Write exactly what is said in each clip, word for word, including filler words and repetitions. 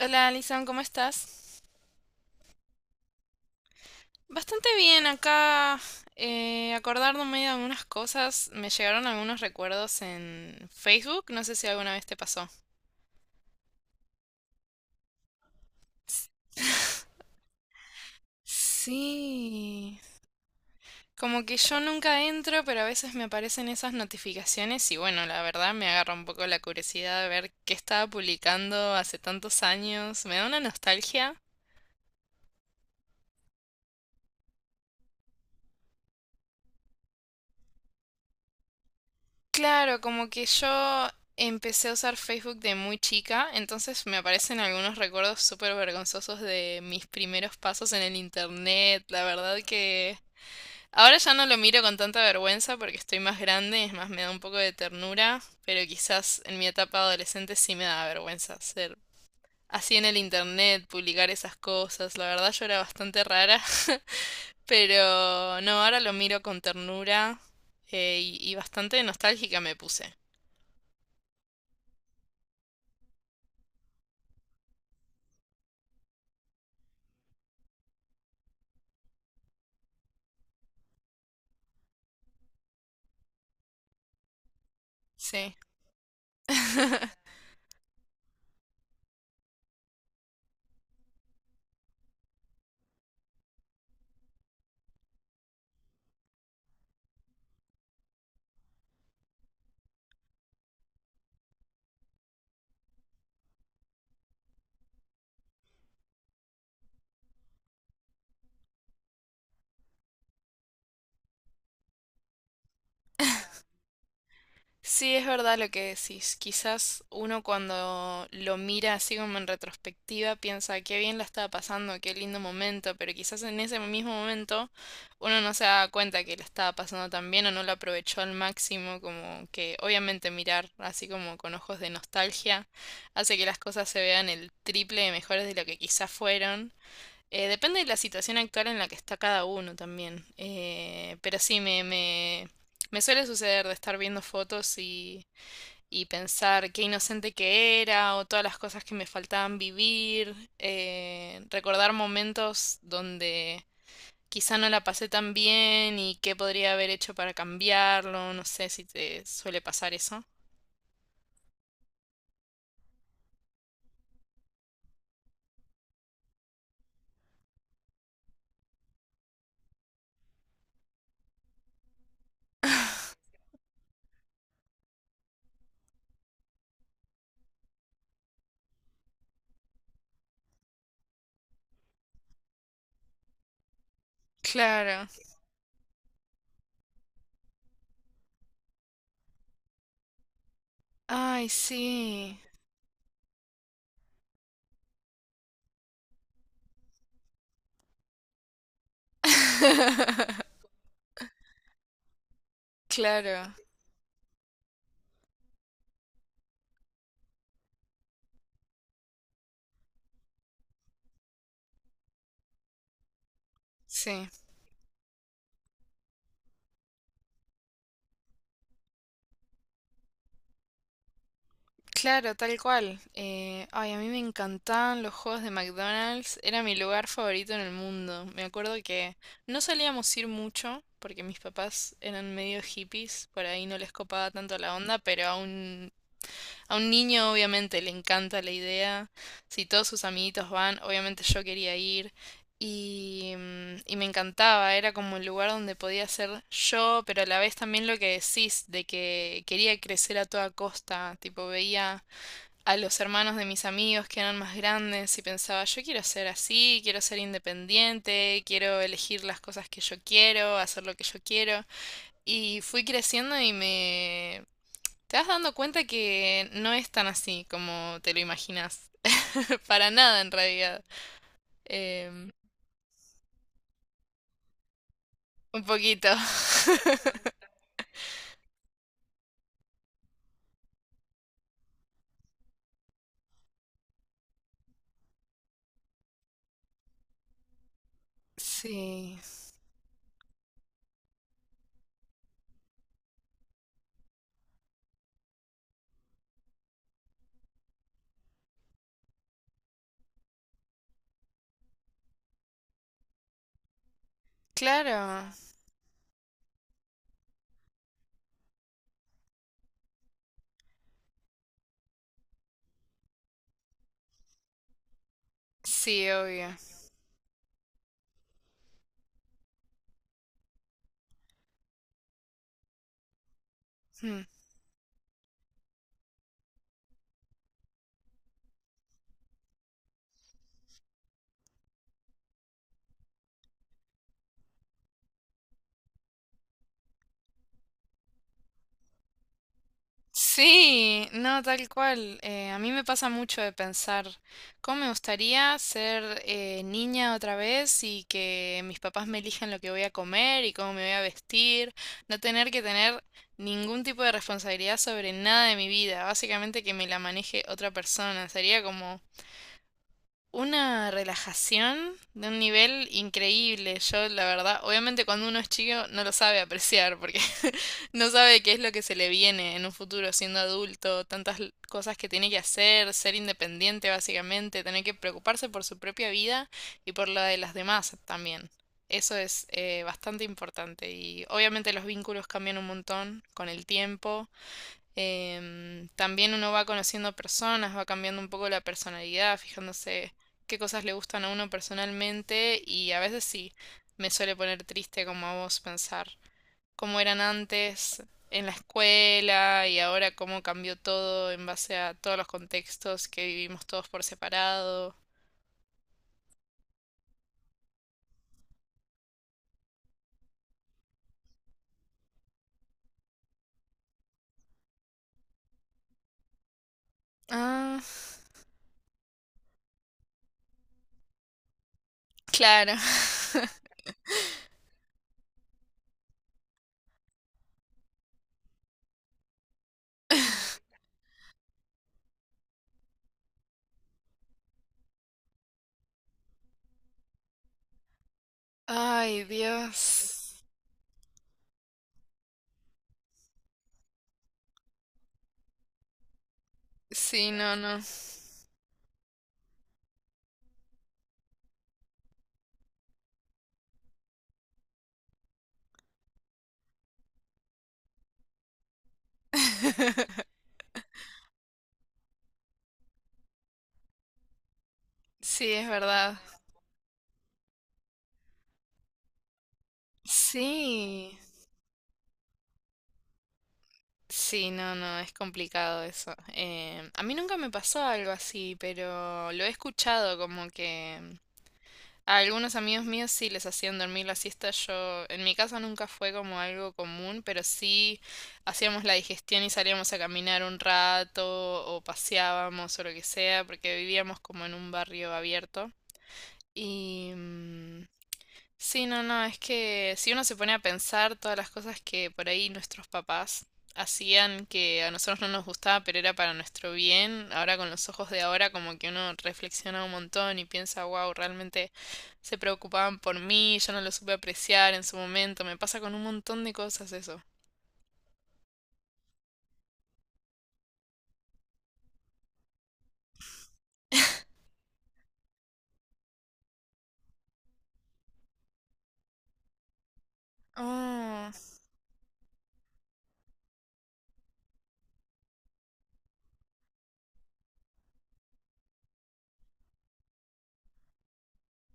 Hola, Alison, ¿cómo estás? Bastante bien, acá eh, acordándome de algunas cosas, me llegaron algunos recuerdos en Facebook, no sé si alguna vez te pasó. S- Sí, como que yo nunca entro, pero a veces me aparecen esas notificaciones y bueno, la verdad me agarra un poco la curiosidad de ver qué estaba publicando hace tantos años, me da una nostalgia. Claro, como que yo empecé a usar Facebook de muy chica, entonces me aparecen algunos recuerdos súper vergonzosos de mis primeros pasos en el internet. La verdad que ahora ya no lo miro con tanta vergüenza porque estoy más grande, es más, me da un poco de ternura, pero quizás en mi etapa adolescente sí me daba vergüenza ser así en el internet, publicar esas cosas. La verdad yo era bastante rara, pero no, ahora lo miro con ternura, eh, y y bastante nostálgica me puse. Sí. Sí, es verdad lo que decís. Quizás uno cuando lo mira así como en retrospectiva piensa qué bien la estaba pasando, qué lindo momento, pero quizás en ese mismo momento uno no se da cuenta que la estaba pasando tan bien o no lo aprovechó al máximo, como que obviamente mirar así como con ojos de nostalgia hace que las cosas se vean el triple de mejores de lo que quizás fueron. Eh, depende de la situación actual en la que está cada uno también. Eh, pero sí, me, me, me suele suceder de estar viendo fotos y, y pensar qué inocente que era o todas las cosas que me faltaban vivir. Eh, recordar momentos donde quizá no la pasé tan bien y qué podría haber hecho para cambiarlo. No sé si te suele pasar eso. Claro. Ay, sí. Claro. Sí. Claro, tal cual. Eh, ay, a mí me encantaban los juegos de McDonald's, era mi lugar favorito en el mundo. Me acuerdo que no solíamos ir mucho porque mis papás eran medio hippies, por ahí no les copaba tanto la onda, pero a un, a un niño obviamente le encanta la idea. Si todos sus amiguitos van, obviamente yo quería ir. Y, mm, y me encantaba, era como el lugar donde podía ser yo, pero a la vez también lo que decís, de que quería crecer a toda costa, tipo veía a los hermanos de mis amigos que eran más grandes y pensaba, yo quiero ser así, quiero ser independiente, quiero elegir las cosas que yo quiero, hacer lo que yo quiero. Y fui creciendo y me... Te vas dando cuenta que no es tan así como te lo imaginas. Para nada en realidad. Em, un poquito. Sí, claro. Sí, obvio. Mm. Sí, no, tal cual. Eh, a mí me pasa mucho de pensar cómo me gustaría ser eh, niña otra vez y que mis papás me elijan lo que voy a comer y cómo me voy a vestir, no tener que tener ningún tipo de responsabilidad sobre nada de mi vida, básicamente que me la maneje otra persona. Sería como una relajación de un nivel increíble. Yo, la verdad, obviamente cuando uno es chico no lo sabe apreciar porque no sabe qué es lo que se le viene en un futuro siendo adulto, tantas l- cosas que tiene que hacer, ser independiente básicamente, tener que preocuparse por su propia vida y por la de las demás también. Eso es eh, bastante importante y obviamente los vínculos cambian un montón con el tiempo. Em, también uno va conociendo personas, va cambiando un poco la personalidad, fijándose qué cosas le gustan a uno personalmente y a veces sí, me suele poner triste como a vos pensar cómo eran antes en la escuela y ahora cómo cambió todo en base a todos los contextos que vivimos todos por separado. Ah, claro. Ay, Dios. Sí, no, no. Sí, es verdad. Sí. Sí, no, no, es complicado eso. Em, a mí nunca me pasó algo así, pero lo he escuchado como que mm, a algunos amigos míos sí les hacían dormir la siesta. Yo, en mi casa nunca fue como algo común, pero sí hacíamos la digestión y salíamos a caminar un rato o paseábamos o lo que sea, porque vivíamos como en un barrio abierto. Y, mm, sí, no, no, es que si uno se pone a pensar todas las cosas que por ahí nuestros papás hacían que a nosotros no nos gustaba, pero era para nuestro bien, ahora con los ojos de ahora como que uno reflexiona un montón y piensa, wow, realmente se preocupaban por mí, yo no lo supe apreciar en su momento, me pasa con un montón de cosas eso. Oh,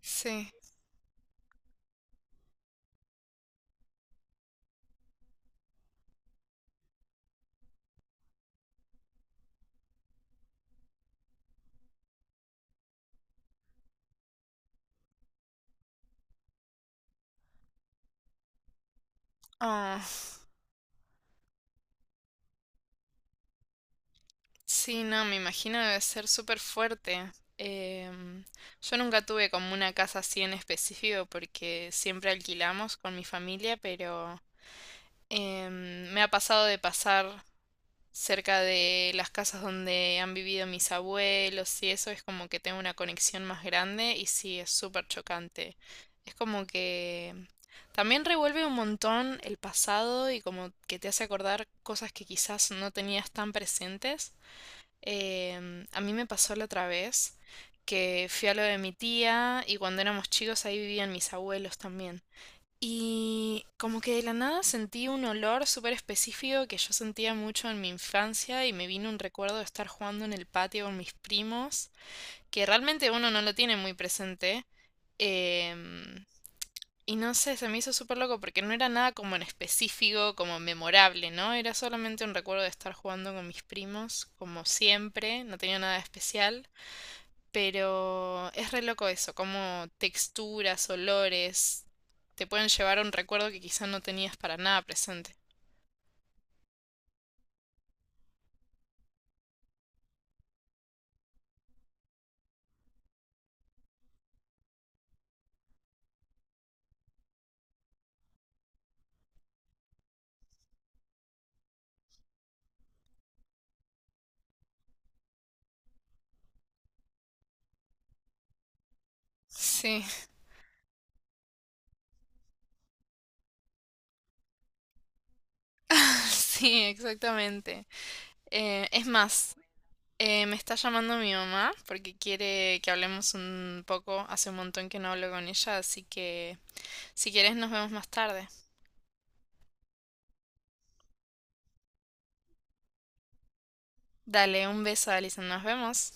sí. Oh. Sí, no, me imagino debe ser súper fuerte. Em, yo nunca tuve como una casa así en específico porque siempre alquilamos con mi familia, pero em, me ha pasado de pasar cerca de las casas donde han vivido mis abuelos y eso es como que tengo una conexión más grande y sí, es súper chocante. Es como que también revuelve un montón el pasado y como que te hace acordar cosas que quizás no tenías tan presentes. Em, a mí me pasó la otra vez que fui a lo de mi tía y cuando éramos chicos ahí vivían mis abuelos también. Y como que de la nada sentí un olor súper específico que yo sentía mucho en mi infancia y me vino un recuerdo de estar jugando en el patio con mis primos, que realmente uno no lo tiene muy presente. Em, y no sé, se me hizo súper loco porque no era nada como en específico, como memorable, ¿no? Era solamente un recuerdo de estar jugando con mis primos, como siempre, no tenía nada de especial, pero es re loco eso, como texturas, olores, te pueden llevar a un recuerdo que quizás no tenías para nada presente. Sí, sí, exactamente. Eh, es más, eh, me está llamando mi mamá porque quiere que hablemos un poco, hace un montón que no hablo con ella, así que si quieres, nos vemos más tarde. Dale un beso, Alison. Nos vemos.